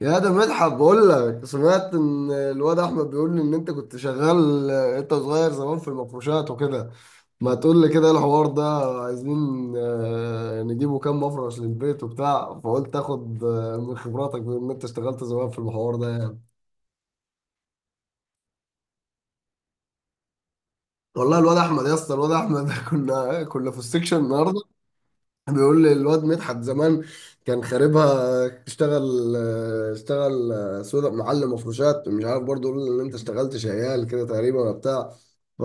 يا ده مدحت بقول لك سمعت ان الواد احمد بيقول لي ان انت كنت شغال انت صغير زمان في المفروشات وكده. ما تقول لي كده الحوار ده. عايزين نجيبه كام مفرش للبيت وبتاع، فقلت اخد من خبراتك بما ان انت اشتغلت زمان في الحوار ده يعني. والله الواد احمد يا اسطى الواد احمد كنا في السكشن النهارده. بيقول لي الواد مدحت زمان كان خاربها، اشتغل اشتغل سودا معلم مفروشات، مش عارف برضه يقول لي ان انت اشتغلت شيال كده تقريبا ولا بتاع. ف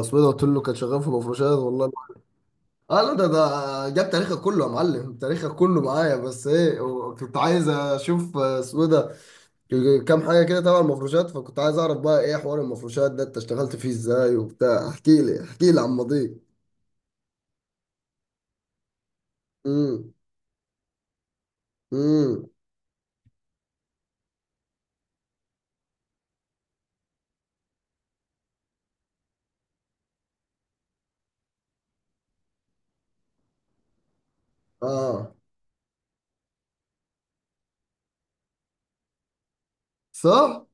اسمه إيه ده، قلت له كان شغال في مفروشات والله. اه لا، ده جاب تاريخك كله يا معلم، تاريخك كله معايا، بس ايه، كنت عايز اشوف اسمه إيه ده، كام حاجه كده تبع المفروشات، فكنت عايز اعرف بقى ايه حوار المفروشات ده، انت اشتغلت فيه ازاي وبتاع، احكي لي احكي لي عن ماضيك. امم امم اه. صح.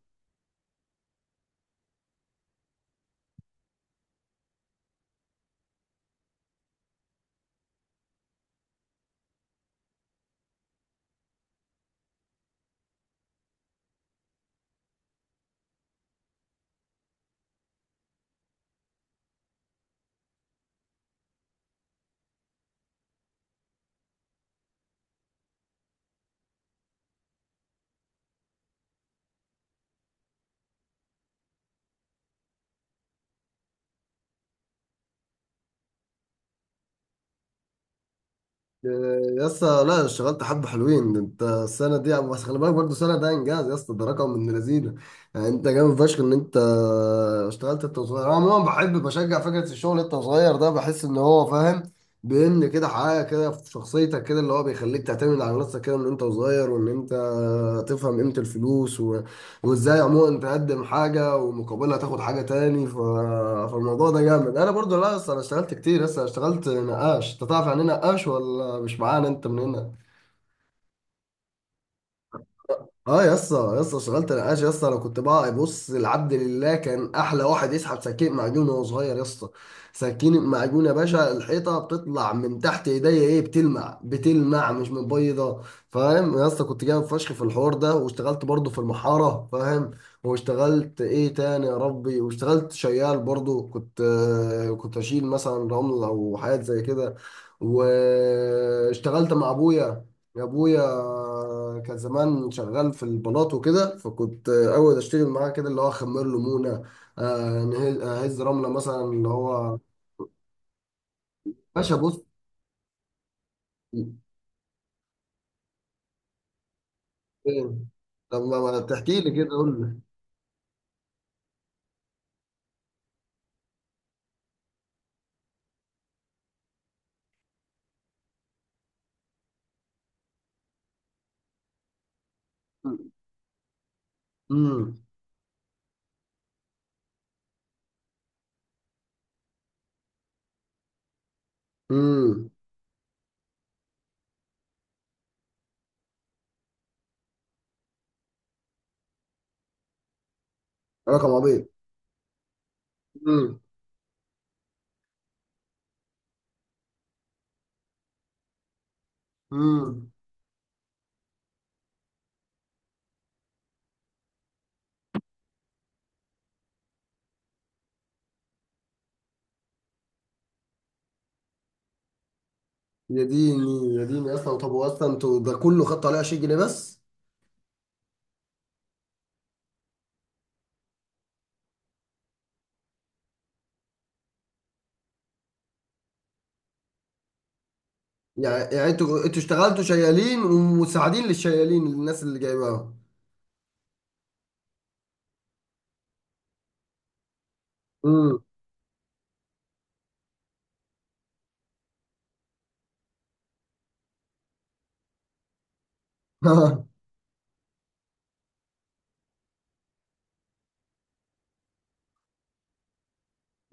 يا اسطى لا، اشتغلت حبة حلوين، ده انت السنة دي بس خلي بالك برضه السنة ده انجاز يا اسطى، ده رقم من لذينه. يعني انت جامد فشخ ان انت اشتغلت انت وصغير. انا عموما بحب بشجع فكرة الشغل انت وصغير ده، بحس ان هو فاهم بيبني كده حاجة كده في شخصيتك، كده اللي هو بيخليك تعتمد على نفسك كده من انت وصغير، وان انت تفهم قيمة الفلوس، وازاي عموما تقدم حاجه ومقابلها تاخد حاجه تاني ف... فالموضوع ده جامد. انا برضو، لا اصل انا اشتغلت كتير لسه، اشتغلت نقاش. انت تعرف يعني ايه نقاش ولا مش معانا انت من هنا؟ اه يا اسطى، يا اسطى اشتغلت نقاش يا اسطى. انا كنت بقى، بص العبد لله كان احلى واحد يسحب سكين معجون وهو صغير يا اسطى. سكين معجون يا باشا، الحيطه بتطلع من تحت ايديا ايه، بتلمع بتلمع مش مبيضه. فاهم يا اسطى، كنت جامد فشخ في الحوار ده. واشتغلت برضه في المحاره، فاهم. واشتغلت ايه تاني يا ربي، واشتغلت شيال برضه، كنت كنت اشيل مثلا رمل او حاجات زي كده. واشتغلت مع ابويا، يا ابويا كان زمان شغال في البلاط وكده، فكنت اول اشتغل معاه كده اللي هو اخمر له مونه، اهز رمله مثلا اللي هو. باشا بص. إيه؟ طب ما تحكي لي كده، قول لي. امم امم رقم عبيط. امم امم يا ديني يا ديني، اصلا طب هو اصلا انتوا ده كله خدتوا عليه 20 جنيه بس؟ يعني يعني انتوا انتوا اشتغلتوا شيالين ومساعدين للشيالين للناس اللي جايباهم. امم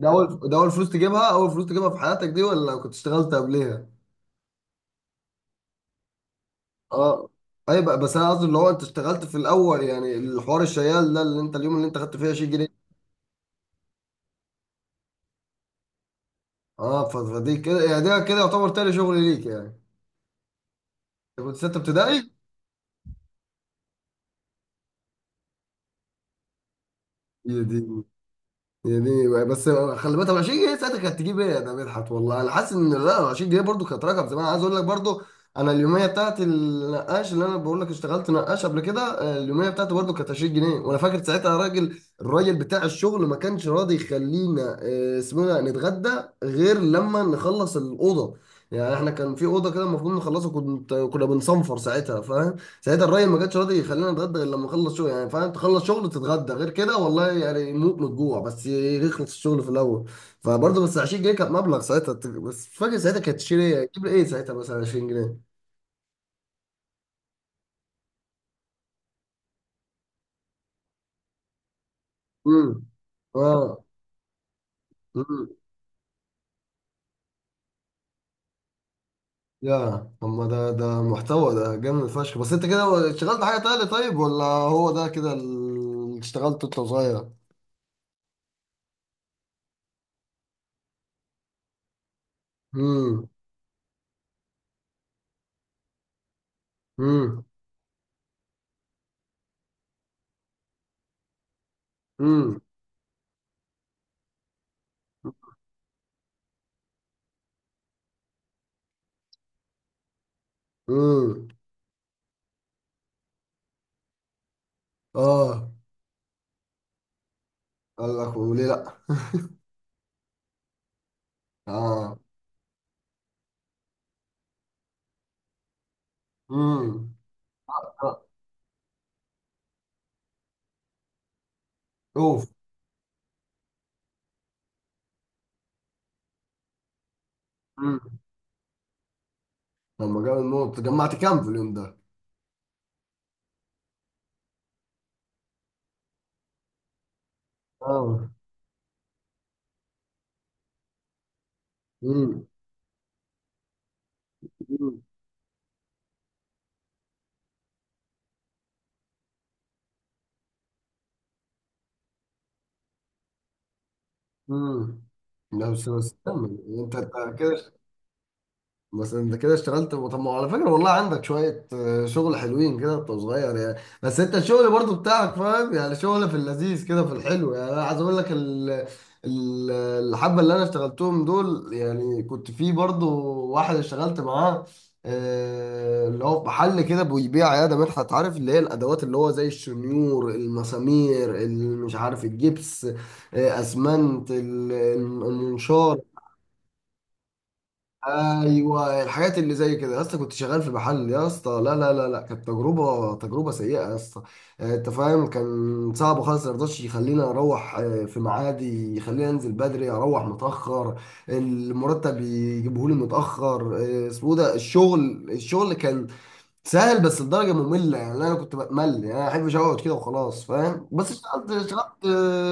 ده اول، ده اول فلوس تجيبها، اول فلوس تجيبها في حياتك دي ولا لو كنت اشتغلت قبليها؟ اه. اي بقى، بس انا قصدي اللي هو انت اشتغلت في الاول، يعني الحوار الشيال ده اللي انت اليوم اللي انت خدت فيه 20 جنيه. اه، فدي كده يعني، ده كده يعتبر تاني شغل ليك يعني. انت كنت ستة ابتدائي. يا دي. يعني بس خلي بالك، طب 20 جنيه ساعتها كانت تجيب ايه ده مدحت؟ والله انا حاسس ان لا، 20 جنيه برضو كانت رقم زمان عايز اقول لك برضو. انا اليوميه بتاعت النقاش اللي انا بقول لك اشتغلت نقاش قبل كده، اليوميه بتاعتي برضو كانت 20 جنيه. وانا فاكر ساعتها راجل، الراجل بتاع الشغل ما كانش راضي يخلينا اسمه إيه ده، نتغدى غير لما نخلص الاوضه. يعني احنا كان في اوضه كده المفروض نخلصها، كنت كنا بنصنفر ساعتها. ساعتها الراجل ما كانش راضي يخلينا نتغدى غير لما اخلص شغل، يعني فاهم، تخلص شغل تتغدى غير كده والله، يعني نموت من الجوع بس يخلص الشغل في الاول. فبرضه بس 20 جنيه كان مبلغ ساعتها. بس مش فاكر ساعتها كانت تشيل ايه، تجيب لي ايه ساعتها مثلا 20 جنيه. امم اه. امم يا اما، ده محتوى، ده جامد فشخ. بس انت كده اشتغلت حاجه تانية طيب، ولا هو ده كده اللي اشتغلته انت صغير؟ امم امم امم امم اه. قال لك وليه لا. اه. امم اوف. مم. لما جاب النقط، جمعت كام في اليوم ده؟ اه. امم امم امم لا بس بس كمل. انت، أنت كده، بس انت كده اشتغلت. طب ما هو على فكره والله عندك شويه شغل حلوين كده وانت صغير يعني. بس انت الشغل برضو بتاعك فاهم يعني، شغل في اللذيذ كده في الحلو. يعني انا عايز اقول لك ال- الحبه اللي انا اشتغلتهم دول، يعني كنت في برضو واحد اشتغلت معاه، اللي هو في محل كده بيبيع عياده، مدحت عارف اللي هي الادوات اللي هو زي الشنيور، المسامير، اللي مش عارف الجبس، اسمنت، المنشار. ايوه، الحاجات اللي زي كده يا اسطى، كنت شغال في محل يا اسطى. لا لا لا لا، كانت تجربه، تجربه سيئه يا اسطى. انت فاهم، كان صعب خالص، ما رضاش يخليني اروح في ميعادي، يخليني انزل بدري اروح متاخر، المرتب يجيبه لي متاخر، اسمه إيه ده. الشغل الشغل كان سهل بس لدرجه ممله يعني، انا كنت بمل، يعني انا ما احبش اقعد كده وخلاص فاهم. بس اشتغلت، اشتغلت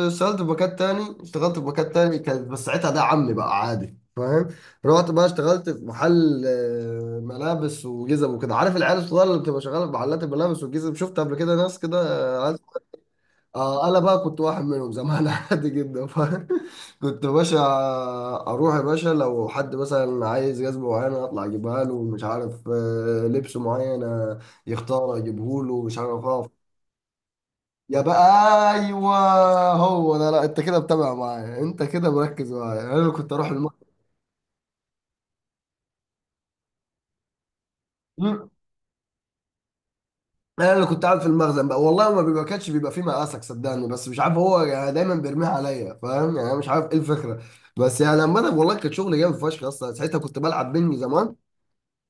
اشتغلت في مكان تاني، اشتغلت في مكان تاني كانت، بس ساعتها ده عمي بقى عادي فاهم. رحت بقى اشتغلت في محل ملابس وجزم وكده، عارف العيال الصغيره اللي بتبقى شغاله في محلات الملابس والجزم، شفت قبل كده ناس كده. اه، انا بقى كنت واحد منهم زمان عادي جدا. ف كنت يا باشا، اروح يا باشا لو حد مثلا عايز جزمه معينه اطلع اجيبها له، مش عارف لبس معين يختار اجيبه له، مش عارف اقف. يا بقى. ايوه. هو ده، لا انت كده متابع معايا، انت كده مركز معايا. انا اللي كنت اروح المطعم، انا اللي كنت قاعد في المخزن بقى والله. ما بيبقى، كانش بيبقى فيه مقاسك صدقني، بس مش عارف هو يعني دايما بيرميها عليا، فاهم يعني، أنا مش عارف ايه الفكره. بس يعني عامه والله كان شغل جامد فشخ. اصلا ساعتها كنت بلعب بينج زمان،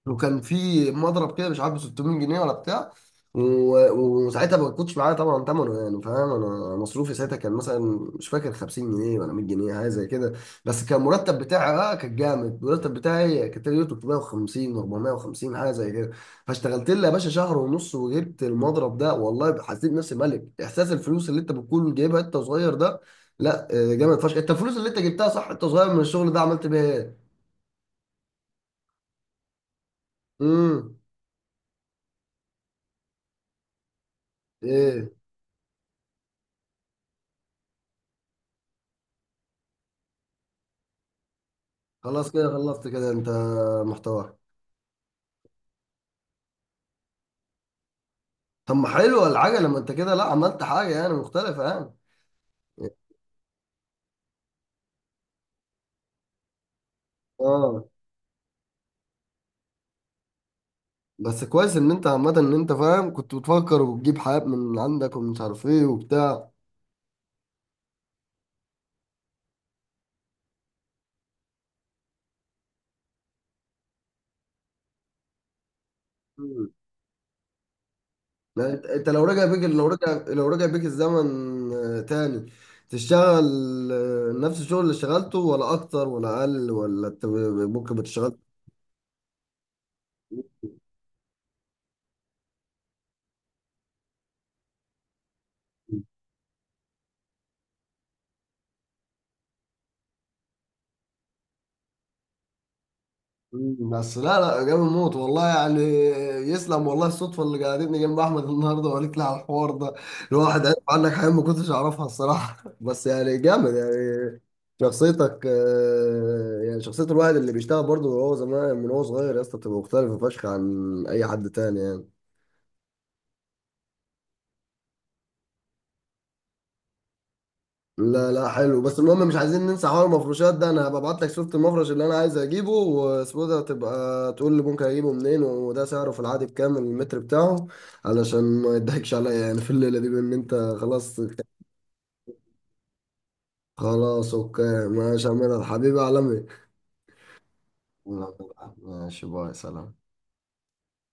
وكان في مضرب كده مش عارف ب 600 جنيه ولا بتاع، وساعتها ما كنتش معايا طبعا ثمنه يعني فاهم. انا مصروفي ساعتها كان مثلا، مش فاكر، 50 جنيه ولا 100 جنيه حاجه زي كده. بس كان المرتب بتاعي بقى كان جامد، المرتب بتاعي كان تقريبا 350، 450 حاجه زي كده. فاشتغلت لي يا باشا شهر ونص وجبت المضرب ده والله، حسيت نفسي ملك. احساس الفلوس اللي انت بتكون جايبها انت صغير ده، لا جامد فشخ. انت الفلوس اللي انت جبتها صح انت صغير من الشغل ده عملت بيها ايه؟ امم ايه. خلاص كده، خلصت كده انت محتوى. طب ما حلوه العجله، لما انت كده لا عملت حاجه يعني مختلفه يعني. اه. بس كويس ان انت عامه ان انت فاهم، كنت بتفكر وتجيب حاجات من عندك ومش عارف ايه وبتاع. مم. لا انت، انت لو رجع بيك، لو رجع، لو رجع بيك الزمن تاني، تشتغل نفس الشغل اللي اشتغلته، ولا اكتر ولا اقل، ولا انت ممكن بتشتغل؟ مم. بس لا لا، جامد موت والله يعني. يسلم والله الصدفه اللي قعدتني جنب احمد النهارده وقالت لي على الحوار ده. الواحد عارف عنك حاجات ما كنتش اعرفها الصراحه بس يعني جامد يعني. شخصيتك يعني شخصيه الواحد اللي بيشتغل برضه وهو زمان من هو صغير يا اسطى بتبقى مختلفه فشخ عن اي حد تاني يعني. لا لا، حلو. بس المهم مش عايزين ننسى حوار المفروشات ده، انا هبعت لك صورة المفرش اللي انا عايز اجيبه واسمه ده، تبقى تقول لي ممكن اجيبه منين وده سعره في العادي بكام المتر بتاعه، علشان ما يضحكش عليا يعني في الليلة دي بان انت. خلاص. خلاص اوكي ماشي يا مدحت حبيبي عالمي. ماشي، باي، سلام.